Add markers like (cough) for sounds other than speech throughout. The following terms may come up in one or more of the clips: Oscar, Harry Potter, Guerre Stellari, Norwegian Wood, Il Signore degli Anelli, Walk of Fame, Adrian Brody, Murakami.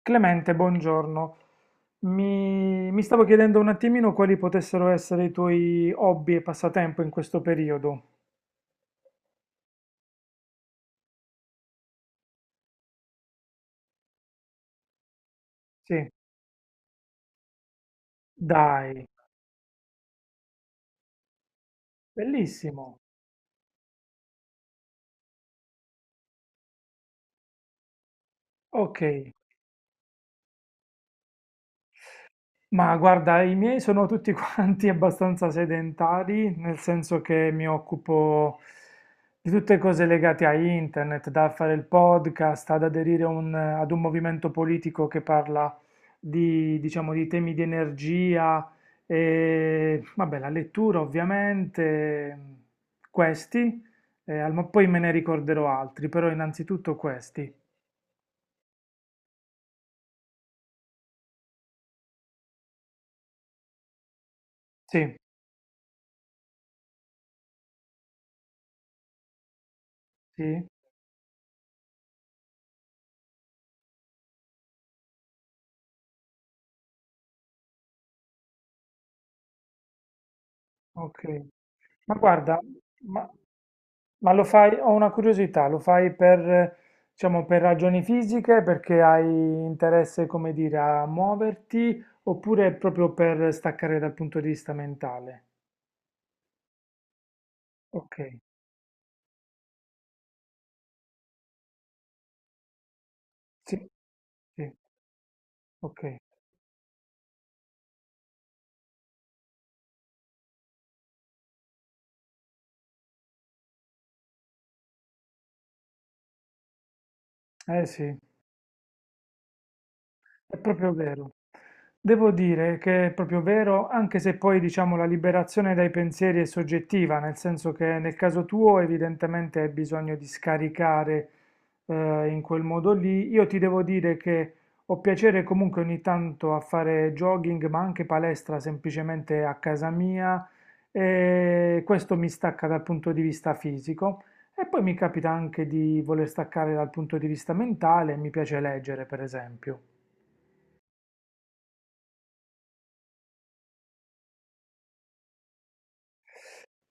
Clemente, buongiorno. Mi stavo chiedendo un attimino quali potessero essere i tuoi hobby e passatempo in questo periodo. Sì, dai, bellissimo. Ok, ma guarda, i miei sono tutti quanti (laughs) abbastanza sedentari, nel senso che mi occupo di tutte cose legate a internet, da fare il podcast, ad aderire a ad un movimento politico che parla di, diciamo, di temi di energia e, vabbè, la lettura ovviamente, questi, ma poi me ne ricorderò altri, però innanzitutto questi. Sì, sì, ok. Ma guarda, ma... Ma lo fai, ho una curiosità, lo fai per, diciamo, per ragioni fisiche, perché hai interesse, come dire, a muoverti, oppure proprio per staccare dal punto di vista mentale? Ok, sì, sì, ok. Eh sì. È proprio vero. Devo dire che è proprio vero, anche se poi diciamo la liberazione dai pensieri è soggettiva, nel senso che nel caso tuo evidentemente hai bisogno di scaricare in quel modo lì. Io ti devo dire che ho piacere comunque ogni tanto a fare jogging, ma anche palestra semplicemente a casa mia e questo mi stacca dal punto di vista fisico. E poi mi capita anche di voler staccare dal punto di vista mentale, mi piace leggere, per esempio.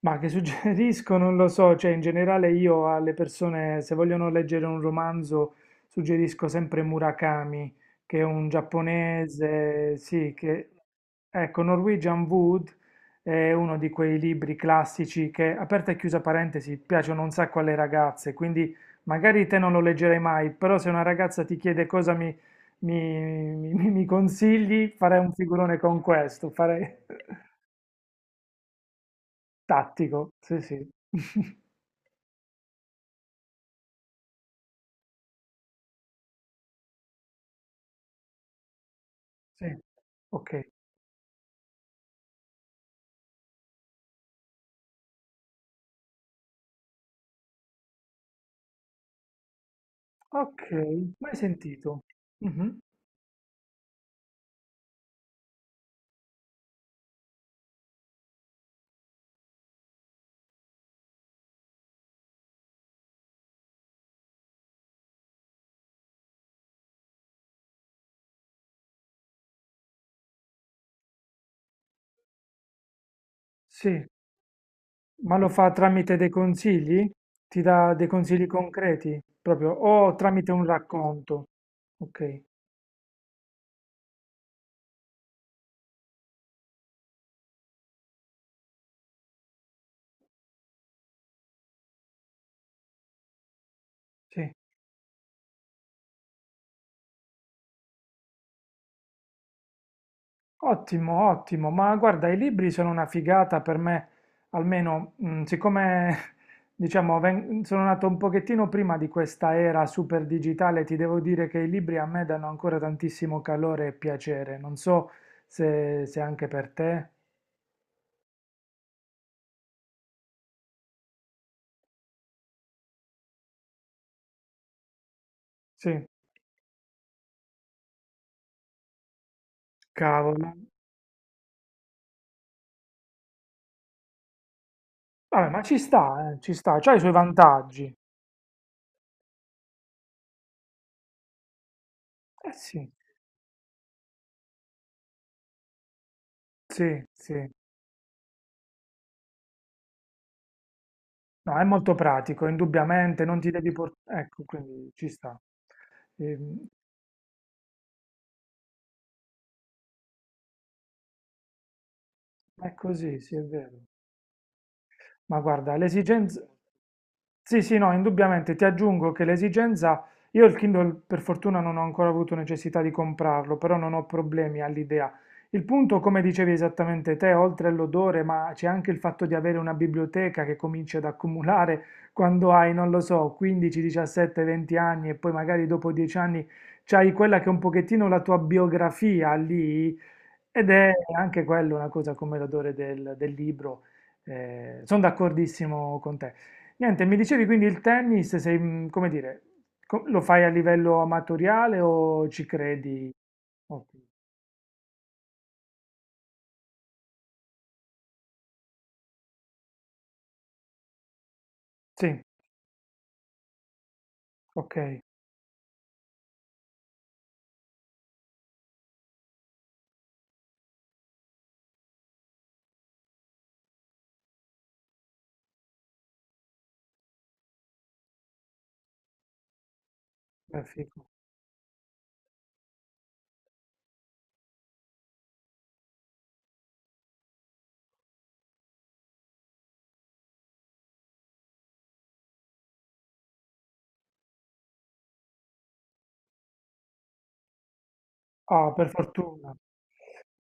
Ma che suggerisco? Non lo so, cioè in generale io alle persone, se vogliono leggere un romanzo, suggerisco sempre Murakami, che è un giapponese, sì, che... Ecco, Norwegian Wood è uno di quei libri classici che, aperta e chiusa parentesi, piacciono un sacco alle ragazze, quindi magari te non lo leggerai mai, però se una ragazza ti chiede cosa mi consigli, farei un figurone con questo, farei (laughs) tattico, sì sì. (laughs) Sì, ok. Ok, mai sentito. Mhm. Sì, ma lo fa tramite dei consigli? Ti dà dei consigli concreti, proprio, o tramite un racconto? Ok, sì. Ottimo, ottimo. Ma guarda, i libri sono una figata per me, almeno, mm, siccome, (laughs) diciamo, sono nato un pochettino prima di questa era super digitale, ti devo dire che i libri a me danno ancora tantissimo calore e piacere. Non so se anche per te. Sì, cavolo. Vabbè, ma ci sta, c'ha i suoi vantaggi. Eh sì, sì, sì. No, è molto pratico, indubbiamente, non ti devi portare... Ecco, quindi ci sta. Ehm, è così, sì, è vero. Ma guarda, l'esigenza... Sì, sì, no, indubbiamente ti aggiungo che l'esigenza... Io il Kindle per fortuna non ho ancora avuto necessità di comprarlo, però non ho problemi all'idea. Il punto, come dicevi esattamente te, oltre all'odore, ma c'è anche il fatto di avere una biblioteca che cominci ad accumulare quando hai, non lo so, 15, 17, 20 anni e poi magari dopo 10 anni c'hai quella che è un pochettino la tua biografia lì ed è anche quello una cosa come l'odore del libro. Sono d'accordissimo con te. Niente, mi dicevi quindi il tennis, sei, mm, come dire, lo fai a livello amatoriale o ci credi? Ok. Sì, ok, beh, figo. Ah, per fortuna.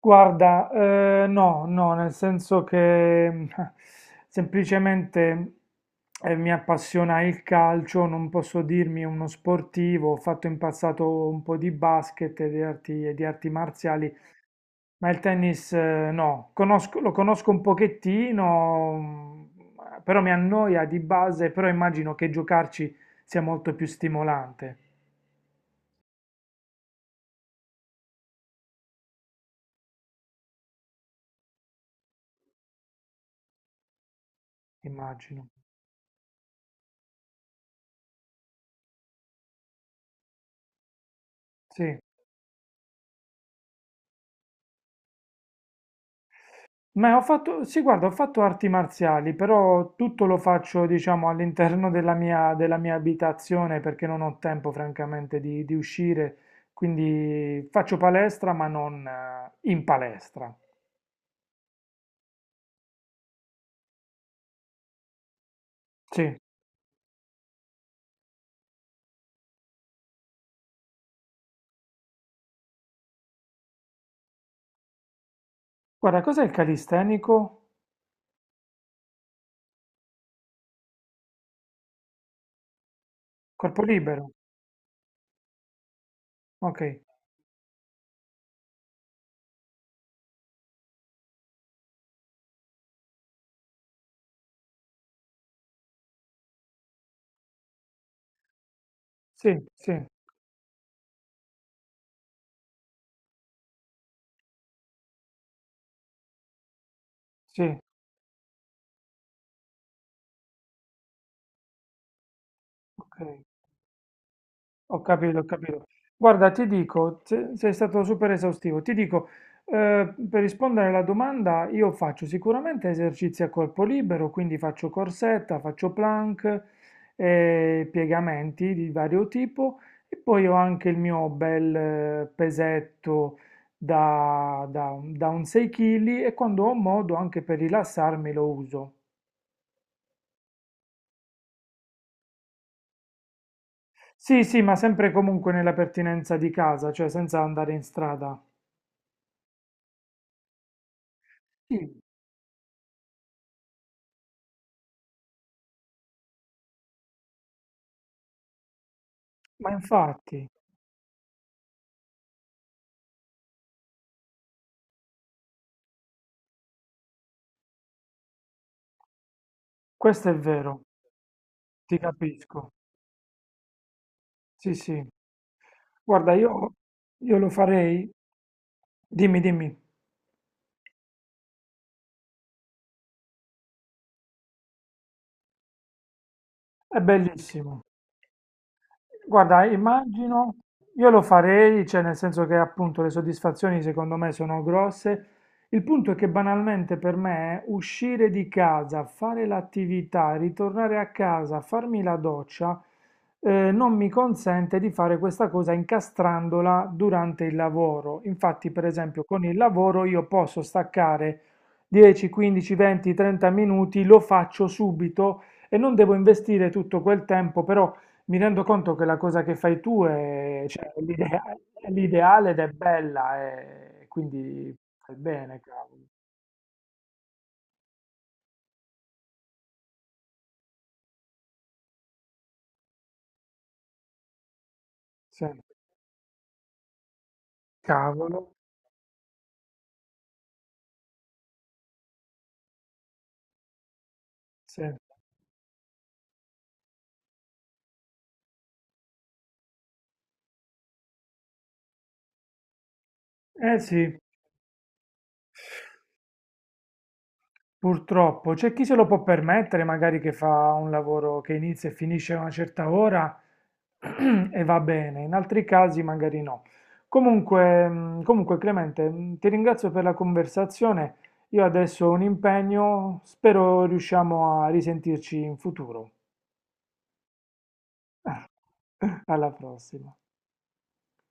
Guarda, no, no, nel senso che mm, (laughs) semplicemente mi appassiona il calcio, non posso dirmi uno sportivo, ho fatto in passato un po' di basket e di arti marziali. Ma il tennis no, lo conosco un pochettino, mm, però mi annoia di base, però immagino che giocarci sia molto più stimolante, immagino. Sì. Ma ho fatto, sì, guarda, ho fatto arti marziali, però tutto lo faccio, diciamo, all'interno della mia abitazione perché non ho tempo, francamente, di uscire, quindi faccio palestra, ma non in palestra. Sì. Guarda, cos'è il calistenico? Corpo libero. Ok. Sì, sì, sì, ok, ho capito, ho capito. Guarda, ti dico, sei stato super esaustivo, ti dico, per rispondere alla domanda, io faccio sicuramente esercizi a corpo libero, quindi faccio corsetta, faccio plank, piegamenti di vario tipo e poi ho anche il mio bel pesetto da un 6 kg e quando ho modo anche per rilassarmi lo uso. Sì, sì, ma sempre e comunque nella pertinenza di casa, cioè senza andare in strada. Sì, ma infatti, questo è vero, ti capisco. Sì, sì. Guarda, io lo farei. Dimmi, dimmi, è bellissimo. Guarda, immagino, io lo farei, cioè nel senso che appunto le soddisfazioni secondo me sono grosse. Il punto è che banalmente per me uscire di casa, fare l'attività, ritornare a casa, farmi la doccia, non mi consente di fare questa cosa incastrandola durante il lavoro. Infatti, per esempio, con il lavoro io posso staccare 10, 15, 20, 30 minuti, lo faccio subito e non devo investire tutto quel tempo, però mi rendo conto che la cosa che fai tu è, cioè, è l'ideale ed è bella, e quindi fai bene, cavolo. Sì, cavolo. Sì. Eh sì, purtroppo. C'è chi se lo può permettere, magari che fa un lavoro che inizia e finisce a una certa ora (clears throat) e va bene, in altri casi magari no. Comunque, comunque Clemente, ti ringrazio per la conversazione. Io adesso ho un impegno, spero riusciamo a risentirci in futuro. Alla prossima.